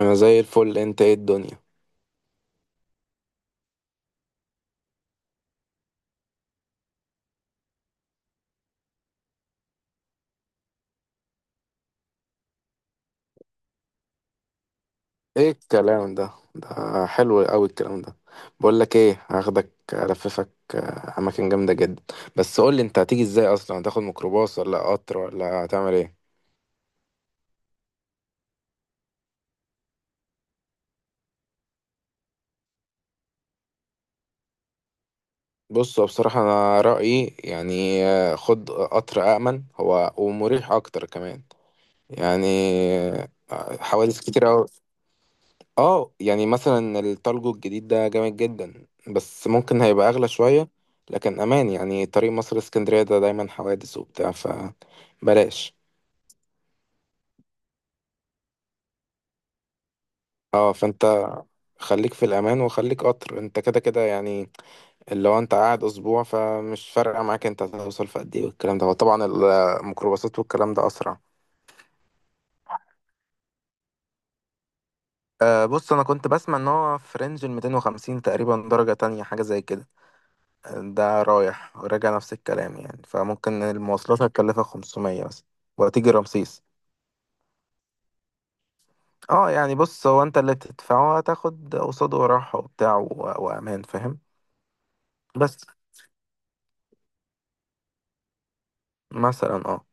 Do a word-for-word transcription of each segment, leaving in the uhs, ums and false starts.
انا زي الفل. انت ايه الدنيا؟ ايه الكلام ده ده حلو قوي الكلام ده. بقول لك ايه، هاخدك الففك آه، اماكن جامده جدا. بس قول لي، انت هتيجي ازاي اصلا؟ هتاخد ميكروباص ولا قطر ولا هتعمل ايه؟ بص، هو بصراحه انا رايي يعني آه، خد قطر، امن هو ومريح اكتر كمان يعني آه، حوادث كتير قوي. اه يعني مثلا التالجو الجديد ده جامد جدا، بس ممكن هيبقى اغلى شوية، لكن امان يعني. طريق مصر اسكندرية ده دايما حوادث وبتاع، فبلاش. اه فانت خليك في الامان وخليك قطر، انت كده كده يعني اللي هو انت قاعد اسبوع فمش فارقة معاك انت هتوصل في قد ايه، والكلام ده هو طبعا الميكروباصات والكلام ده اسرع. آه بص، انا كنت بسمع ان هو في رينج ال مية تقريبا، درجة تانية حاجة زي كده. ده رايح راجع نفس الكلام يعني، فممكن المواصلات هتكلفك خمسمية مثلا، وهتيجي رمسيس. اه يعني بص، هو انت اللي تدفعه هتاخد قصاده راحة وبتاع و- وامان، فاهم؟ بس مثلا اه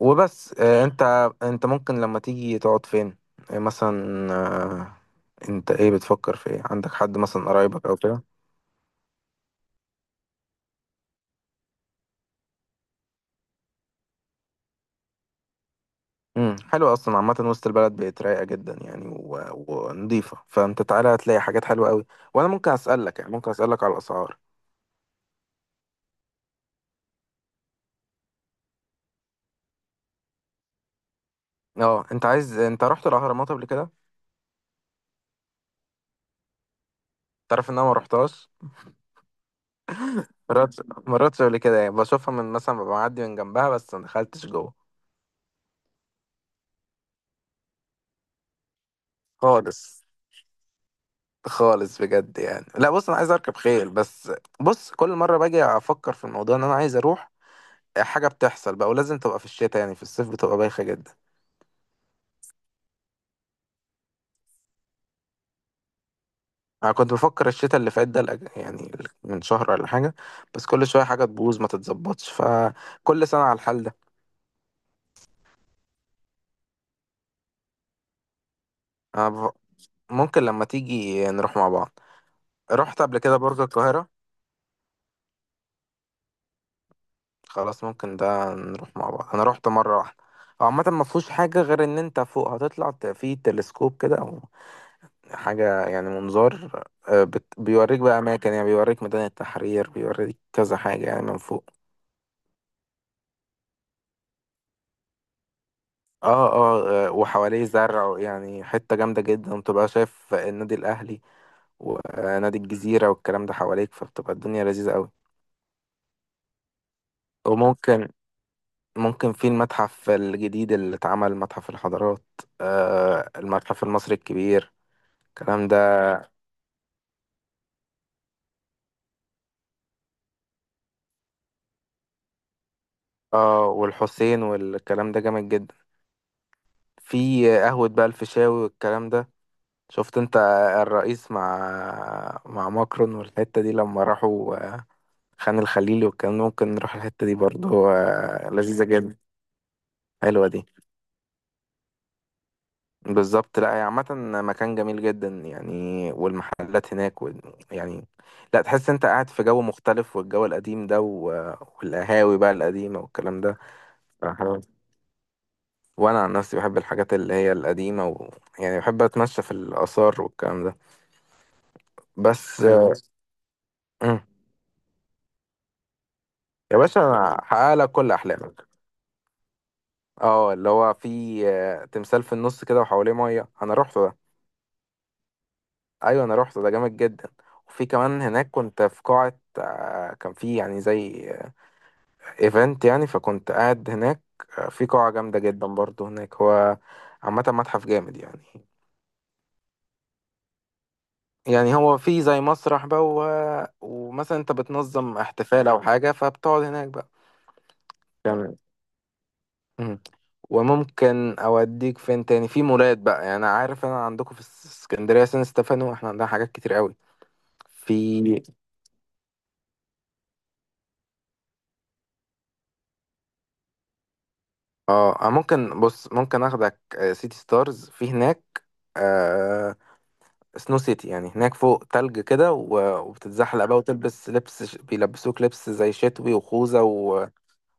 وبس. آه انت، انت ممكن لما تيجي تقعد فين؟ آه، مثلا آه انت ايه، بتفكر في ايه؟ عندك حد مثلا قرايبك او كده؟ امم حلو. اصلا عامة وسط البلد بقت رايقة جدا يعني و... ونضيفة، فانت تعالى هتلاقي حاجات حلوة قوي. وانا ممكن اسألك يعني، ممكن اسألك على الاسعار؟ اه، انت عايز، انت رحت الاهرامات قبل كده؟ تعرف ان انا ما رحتهاش؟ مرات مرات قبل كده يعني بشوفها من مثلا، ببقى معدي من جنبها، بس ما دخلتش جوه خالص. خالص بجد يعني. لا بص، انا عايز اركب خيل بس. بص، كل مره باجي افكر في الموضوع ان انا عايز اروح، حاجه بتحصل بقى. ولازم تبقى في الشتاء يعني، في الصيف بتبقى بايخه جدا. انا كنت بفكر الشتاء اللي فات ده الأج- يعني من شهر ولا حاجه، بس كل شويه حاجه تبوظ ما تتظبطش، فكل سنه على الحال ده. أنا بف- ممكن لما تيجي نروح مع بعض. رحت قبل كده برج القاهرة؟ خلاص ممكن ده نروح مع بعض، انا رحت مرة واحدة. هو عامة ما فيهوش حاجة غير ان انت فوق هتطلع ت- في تلسكوب كده او حاجة يعني منظار، آه، بت- بيوريك بقى اماكن يعني، بيوريك ميدان التحرير، بيوريك كذا حاجة يعني من فوق. اه اه آه، وحواليه زرع يعني، حتة جامدة جدا، وتبقى شايف النادي الاهلي ونادي الجزيرة والكلام ده حواليك، فبتبقى الدنيا لذيذة قوي. وممكن، ممكن في المتحف الجديد اللي اتعمل، متحف الحضارات، آه المتحف المصري الكبير، الكلام ده. اه والحسين والكلام ده جامد جدا، في قهوة بقى الفيشاوي والكلام ده. شفت انت الرئيس مع مع ماكرون والحتة دي لما راحوا آه، خان الخليلي والكلام ده؟ ممكن نروح الحتة دي برضو، آه لذيذة جدا. حلوة دي بالظبط. لا، هي عامة مكان جميل جدا يعني، والمحلات هناك وال... يعني، لا تحس انت قاعد في جو مختلف، والجو القديم ده و... والقهاوي بقى القديمة والكلام ده. صراحة. وانا عن نفسي بحب الحاجات اللي هي القديمة و... يعني بحب اتمشى في الآثار والكلام ده. بس آه، مم. يا باشا أنا هحققلك كل احلامك. اه اللي هو في آه، تمثال في النص كده وحواليه مية، انا رحت ده. ايوه انا رحت ده، جامد جدا. وفي كمان هناك، كنت في قاعة آه، كان في يعني زي ايفنت يعني، فكنت قاعد هناك آه، في قاعة جامدة جدا برضو هناك. هو عامة متحف جامد يعني. يعني هو في زي مسرح بقى، و... ومثلا انت بتنظم احتفال او حاجة فبتقعد هناك بقى. تمام. مم. وممكن اوديك فين تاني؟ في مولات بقى يعني، انا عارف انا عندكم في اسكندرية سان ستيفانو، احنا عندنا حاجات كتير قوي. في اه، آه، ممكن بص، ممكن اخدك آه، سيتي ستارز في هناك آه، سنو سيتي يعني، هناك فوق تلج كده و- وبتتزحلق بقى، وتلبس لبس ش- بيلبسوك لبس زي شتوي، وخوذة و-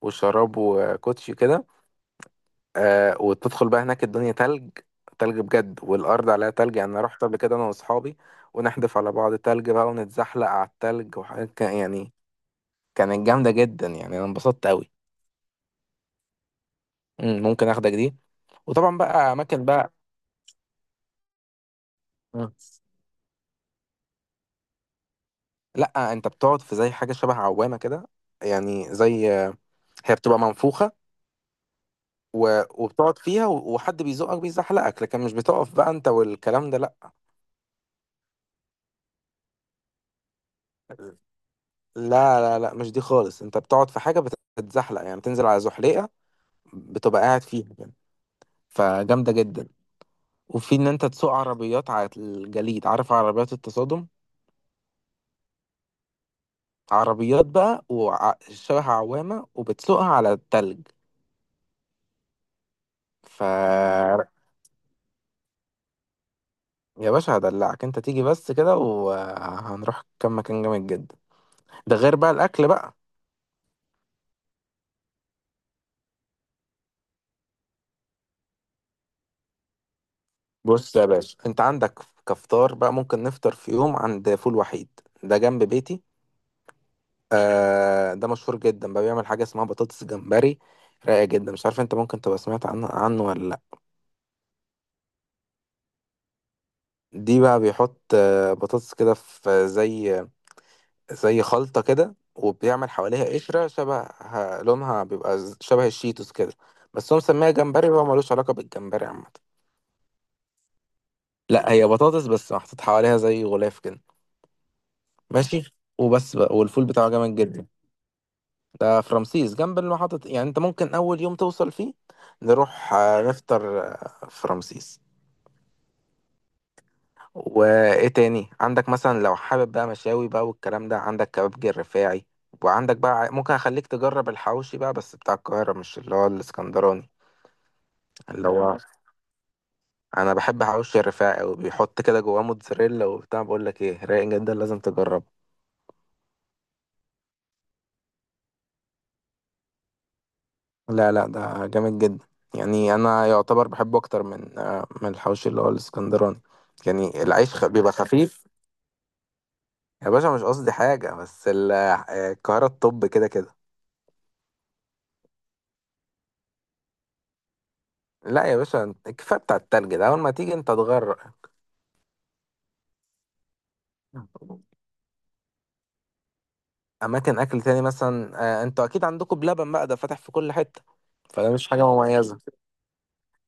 وشراب وكوتشي كده. آه وتدخل بقى هناك الدنيا تلج، تلج بجد، والأرض عليها تلج يعني. أنا رحت قبل كده أنا وأصحابي ونحدف على بعض تلج بقى، ونتزحلق على التلج، وحاجات كا- يعني كانت جامدة جدا يعني، أنا انبسطت أوي. مم، ممكن آخدك دي، وطبعا بقى أماكن بقى. مم. لأ، أنت بتقعد في زي حاجة شبه عوامة كده، يعني زي، هي بتبقى منفوخة و... وبتقعد فيها، و... وحد بيزقك بيزحلقك، لكن مش بتقف بقى انت والكلام ده، لا. لا، لا، لا، مش دي خالص. انت بتقعد في حاجة بتتزحلق يعني، بتنزل على زحليقة بتبقى قاعد فيها يعني، فجامدة جدا. وفي ان انت تسوق عربيات على الجليد، عارف عربيات التصادم؟ عربيات بقى وشبه عوامة، وبتسوقها على التلج. ف يا باشا هدلعك، انت تيجي بس كده وهنروح كام مكان جامد جدا، ده غير بقى الاكل بقى. بص يا باشا، انت عندك كفطار بقى، ممكن نفطر في يوم عند فول وحيد، ده جنب بيتي. آه ده مشهور جدا بقى، بيعمل حاجه اسمها بطاطس جمبري، رايقه جدا. مش عارف انت ممكن تبقى سمعت عنه عنه ولا لا. دي بقى بيحط آه بطاطس كده في زي، زي خلطه كده، وبيعمل حواليها قشره شبه، لونها بيبقى ز- شبه الشيتوس كده. بس هو مسميها جمبري وهو ملوش علاقه بالجمبري عامه. لا، هي بطاطس بس محطوط حواليها زي غلاف كده. ماشي وبس بقى، والفول بتاعه جامد جدا. ده في رمسيس جنب المحطة، يعني انت ممكن اول يوم توصل فيه نروح آه، نفطر آه، في رمسيس. وايه تاني عندك مثلا؟ لو حابب بقى مشاوي بقى والكلام ده، عندك كبابجي الرفاعي، وعندك بقى ع- ممكن اخليك تجرب الحواوشي بقى، بس بتاع القاهرة مش اللي هو الاسكندراني. اللي هو، انا بحب حواوشي الرفاعي، وبيحط كده جواه موتزاريلا وبتاع، بقول لك ايه، رايق جدا، لازم تجرب. لا لا، ده جامد جدا يعني، انا يعتبر بحبه اكتر من آه، من الحوش اللي هو الاسكندراني، يعني العيش خ... بيبقى خفيف. يا باشا مش قصدي حاجه، بس ال- آه، القاهره الطب كده كده. لا يا باشا، الكفايه بتاع التلج ده، اول ما تيجي انت تغرق. اماكن اكل تاني مثلا، آه، انتوا اكيد عندكم بلبن بقى، ده فاتح في كل حته، فده مش حاجه مميزه.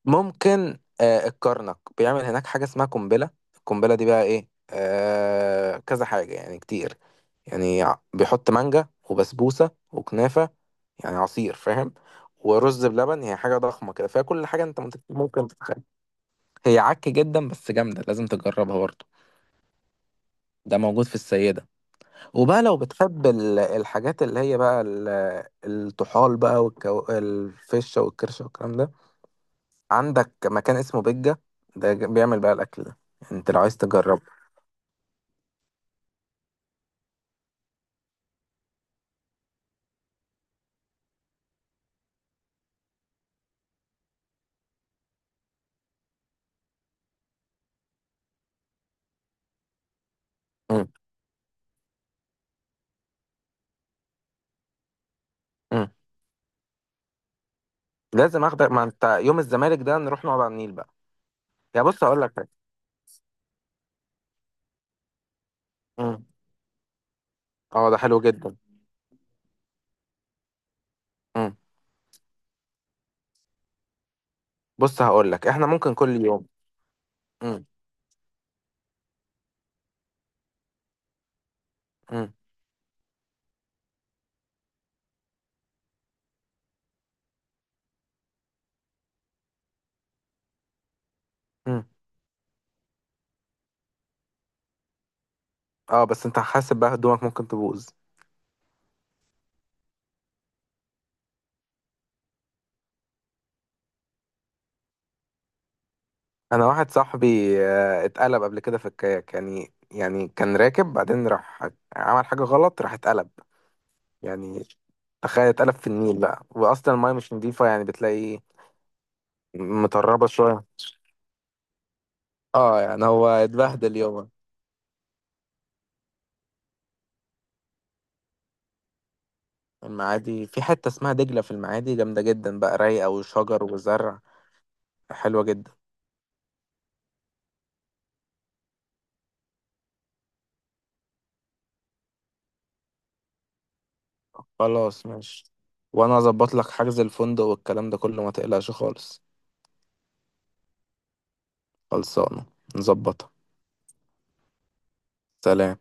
ممكن آه الكرنك بيعمل هناك حاجة اسمها قنبلة. القنبلة دي بقى ايه؟ آه كذا حاجة يعني كتير، يعني ع- بيحط مانجا وبسبوسة وكنافة، يعني عصير فاهم، ورز بلبن، هي حاجة ضخمة كده فيها كل حاجة انت ممكن ممكن تتخيل. هي عك جدا بس جامدة، لازم تجربها برضه. ده موجود في السيدة. وبقى لو بتحب ال- الحاجات اللي هي بقى ال- الطحال بقى، والكو... الفشة والكرشة والكلام ده، عندك مكان اسمه بجة، ده ج- بيعمل بقى الأكل ده، أنت لو عايز تجرب. مم. مم. لازم أخدك، ما أنت يوم الزمالك ده نروح نقعد على النيل بقى. يا بص هقول لك حاجة. مم. أه ده حلو جدا. مم. بص هقول لك، إحنا ممكن كل يوم. مم. مم. مم. أه بس أنت حاسب بقى، هدومك ممكن تبوظ. أنا واحد صاحبي آه، اتقلب قبل كده في الكاياك يعني يعني كان راكب بعدين راح عمل حاجة غلط، راح اتقلب يعني. تخيل اتقلب في النيل بقى، وأصلا المايه مش نضيفة يعني، بتلاقي مطربة شوية، اه يعني هو اتبهدل يومه. المعادي في حتة اسمها دجلة في المعادي، جامدة جدا بقى، رايقة وشجر وزرع، حلوة جدا. خلاص ماشي، وانا اظبط لك حجز الفندق والكلام ده كله، ما تقلقش خالص. خلصانة، نظبطها. سلام.